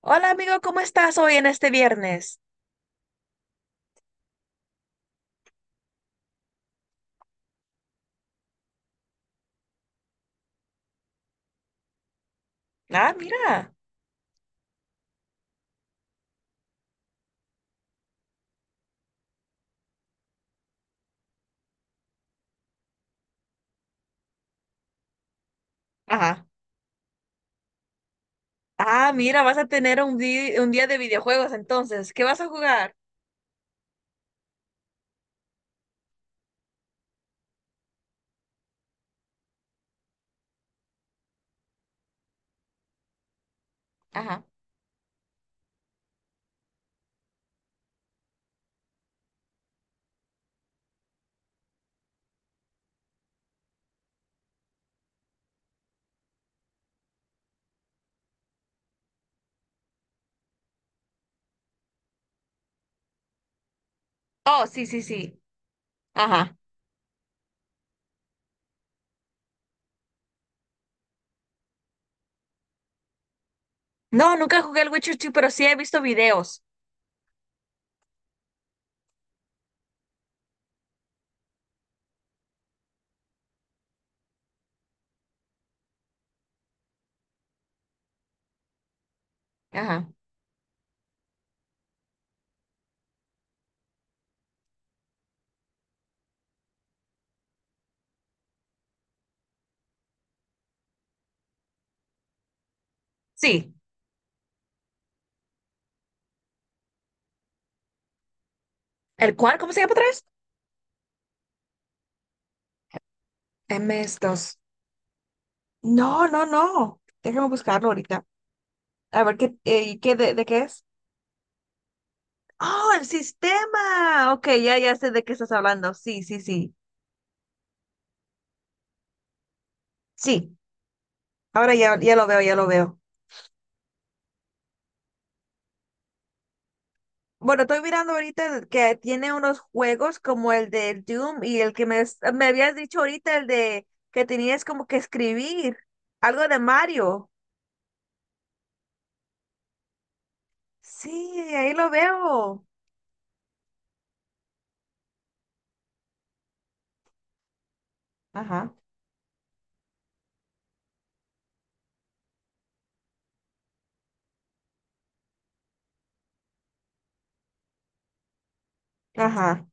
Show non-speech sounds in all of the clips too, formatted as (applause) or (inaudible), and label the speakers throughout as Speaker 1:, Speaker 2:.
Speaker 1: Hola amigo, ¿cómo estás hoy en este viernes? Ah, mira. Ajá. Ah, mira, vas a tener un día de videojuegos entonces. ¿Qué vas a jugar? Ajá. Oh, sí, sí, sí. Ajá. No, nunca jugué el Witcher 2, pero sí he visto videos. Ajá. Sí. ¿El cuál? ¿Cómo se llama otra vez? M S dos. No, no, no. Déjame buscarlo ahorita. A ver qué, ¿qué de qué es? Oh, el sistema. Ok, ya, ya sé de qué estás hablando. Sí, sí, sí. Sí. Ahora ya, ya lo veo, ya lo veo. Bueno, estoy mirando ahorita que tiene unos juegos como el del Doom y el que me habías dicho ahorita, el de que tenías como que escribir algo de Mario. Sí, ahí lo veo. Ajá, ajá.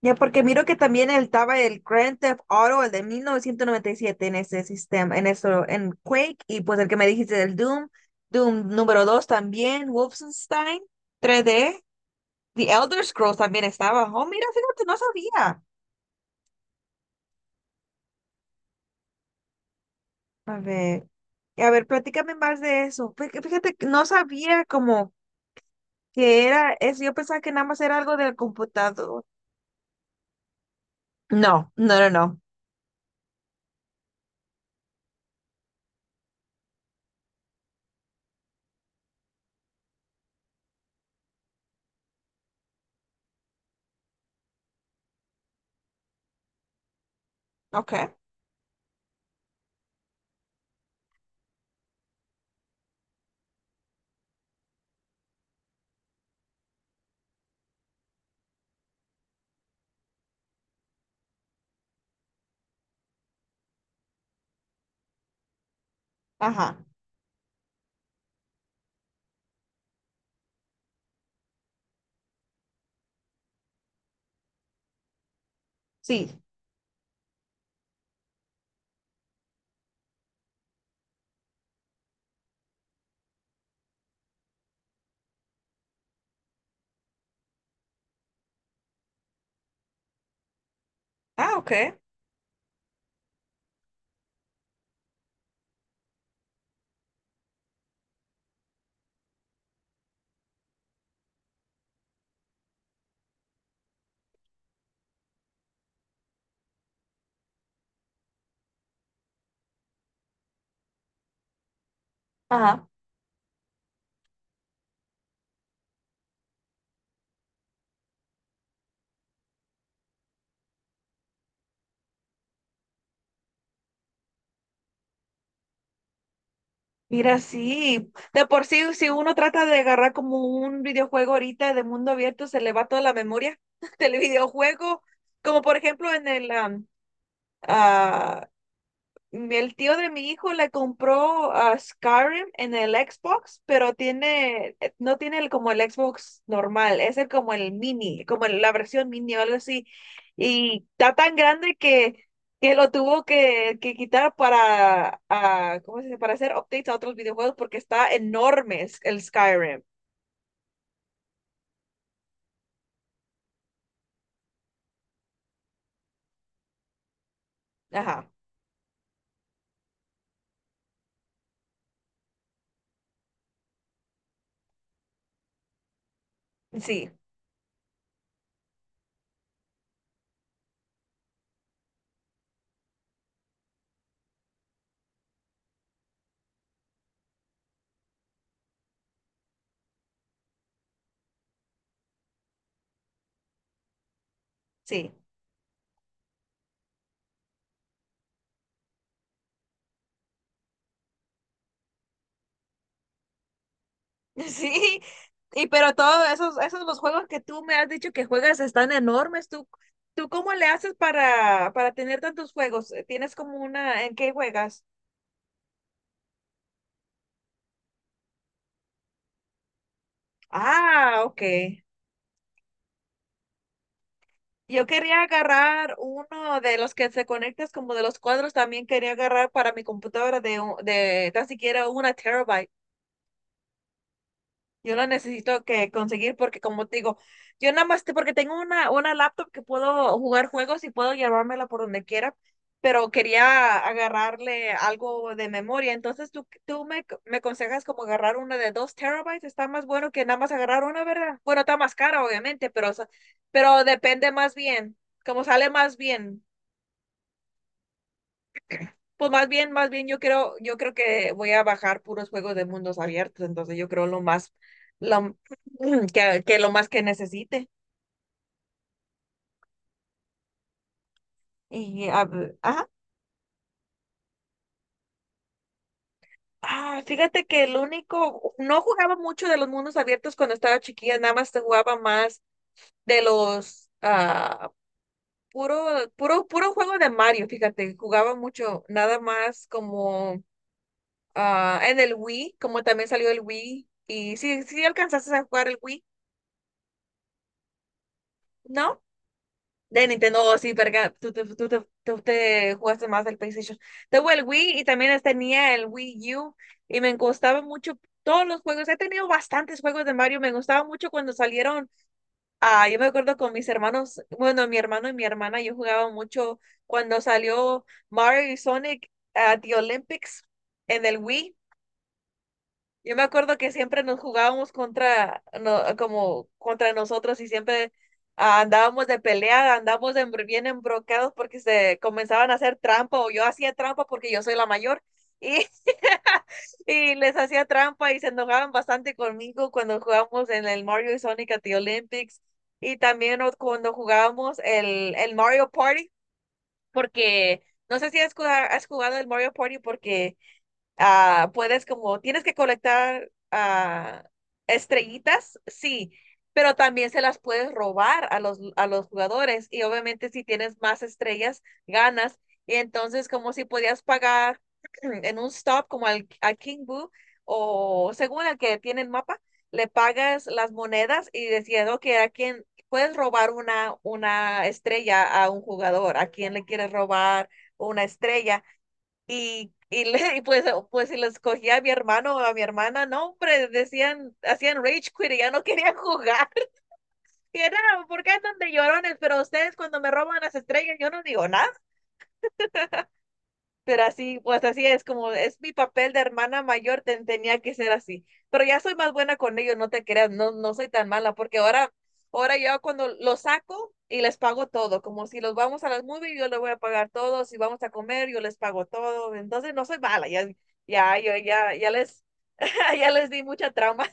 Speaker 1: Ya porque miro que también estaba el Grand Theft Auto, el de 1997 en ese sistema, en eso, en Quake, y pues el que me dijiste del Doom, Doom número dos también, Wolfenstein 3D, The Elder Scrolls también estaba. Oh, mira, fíjate, no sabía. A ver, a ver, platícame más de eso. Fíjate que no sabía como que era eso. Yo pensaba que nada más era algo del computador. No, no, no, no. Ok, ajá, sí. Ah, ok, ajá. Mira, sí, de por sí, si uno trata de agarrar como un videojuego ahorita de mundo abierto, se le va toda la memoria (laughs) del videojuego. Como por ejemplo en ah, el tío de mi hijo le compró a Skyrim en el Xbox, pero tiene, no tiene el, como el Xbox normal, es el como el mini, como la versión mini o algo así. Y está tan grande que lo tuvo que quitar para, ah, ¿cómo se dice? Para hacer updates a otros videojuegos porque está enorme el Skyrim. Ajá, sí, sí. (laughs) Sí, y pero todos esos, esos los juegos que tú me has dicho que juegas están enormes. ¿Tú, tú cómo le haces para tener tantos juegos? ¿Tienes como una en qué juegas? Ah, ok. Yo quería agarrar uno de los que se conectas como de los cuadros, también quería agarrar para mi computadora de tan siquiera una terabyte. Yo lo necesito que conseguir porque como te digo, yo nada más porque tengo una laptop que puedo jugar juegos y puedo llevármela por donde quiera, pero quería agarrarle algo de memoria. Entonces tú, me aconsejas como agarrar una de dos terabytes, está más bueno que nada más agarrar una, ¿verdad? Bueno, está más cara, obviamente, pero, o sea, pero depende más bien, como sale más bien. Pues más bien yo creo que voy a bajar puros juegos de mundos abiertos, entonces yo creo lo más, lo, (clears throat) que lo más que necesite. Y, ah, ah, ah, fíjate que el único, no jugaba mucho de los mundos abiertos cuando estaba chiquilla, nada más te jugaba más de puro, puro, puro juego de Mario, fíjate, jugaba mucho, nada más como, ah, en el Wii, como también salió el Wii, y sí, sí alcanzaste a jugar el Wii, ¿no? De Nintendo, oh, sí, verga, tú te jugaste más del PlayStation. Tengo el Wii y también tenía el Wii U y me gustaban mucho todos los juegos. He tenido bastantes juegos de Mario, me gustaba mucho cuando salieron. Ah, yo me acuerdo con mis hermanos, bueno, mi hermano y mi hermana, yo jugaba mucho cuando salió Mario y Sonic at the Olympics en el Wii. Yo me acuerdo que siempre nos jugábamos contra, no, como contra nosotros y siempre ah, andábamos de pelea, andábamos bien embrocados porque se comenzaban a hacer trampa o yo hacía trampa porque yo soy la mayor y, (laughs) y les hacía trampa y se enojaban bastante conmigo cuando jugábamos en el Mario y Sonic at the Olympics y también cuando jugábamos el Mario Party porque no sé si has jugado, has jugado el Mario Party porque ah, puedes como, tienes que colectar ah, estrellitas, sí, pero también se las puedes robar a a los jugadores y obviamente si tienes más estrellas, ganas. Y entonces como si podías pagar (clears throat) en un stop como a King Boo o según el que tiene el mapa, le pagas las monedas y decías, ok, a quién puedes robar una estrella a un jugador, a quién le quieres robar una estrella y, y pues, pues si les cogía a mi hermano o a mi hermana, no, hombre, decían, hacían rage quit y ya no querían jugar. (laughs) Y era, ¿por qué andan de llorones? Pero ustedes cuando me roban las estrellas, yo no digo nada. Pero así, pues así es, como es mi papel de hermana mayor, tenía que ser así. Pero ya soy más buena con ellos, no te creas, no, no soy tan mala, porque ahora, ahora yo cuando los saco y les pago todo, como si los vamos a las movies, yo les voy a pagar todo, si vamos a comer, yo les pago todo. Entonces no soy mala, ya les, (laughs) ya les di mucha trauma.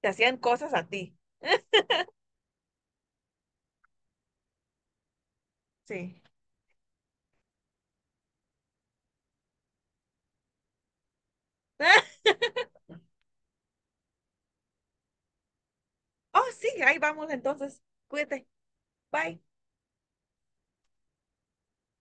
Speaker 1: Te hacían cosas a ti. Sí. (laughs) Oh, sí, ahí vamos entonces. Cuídate. Bye.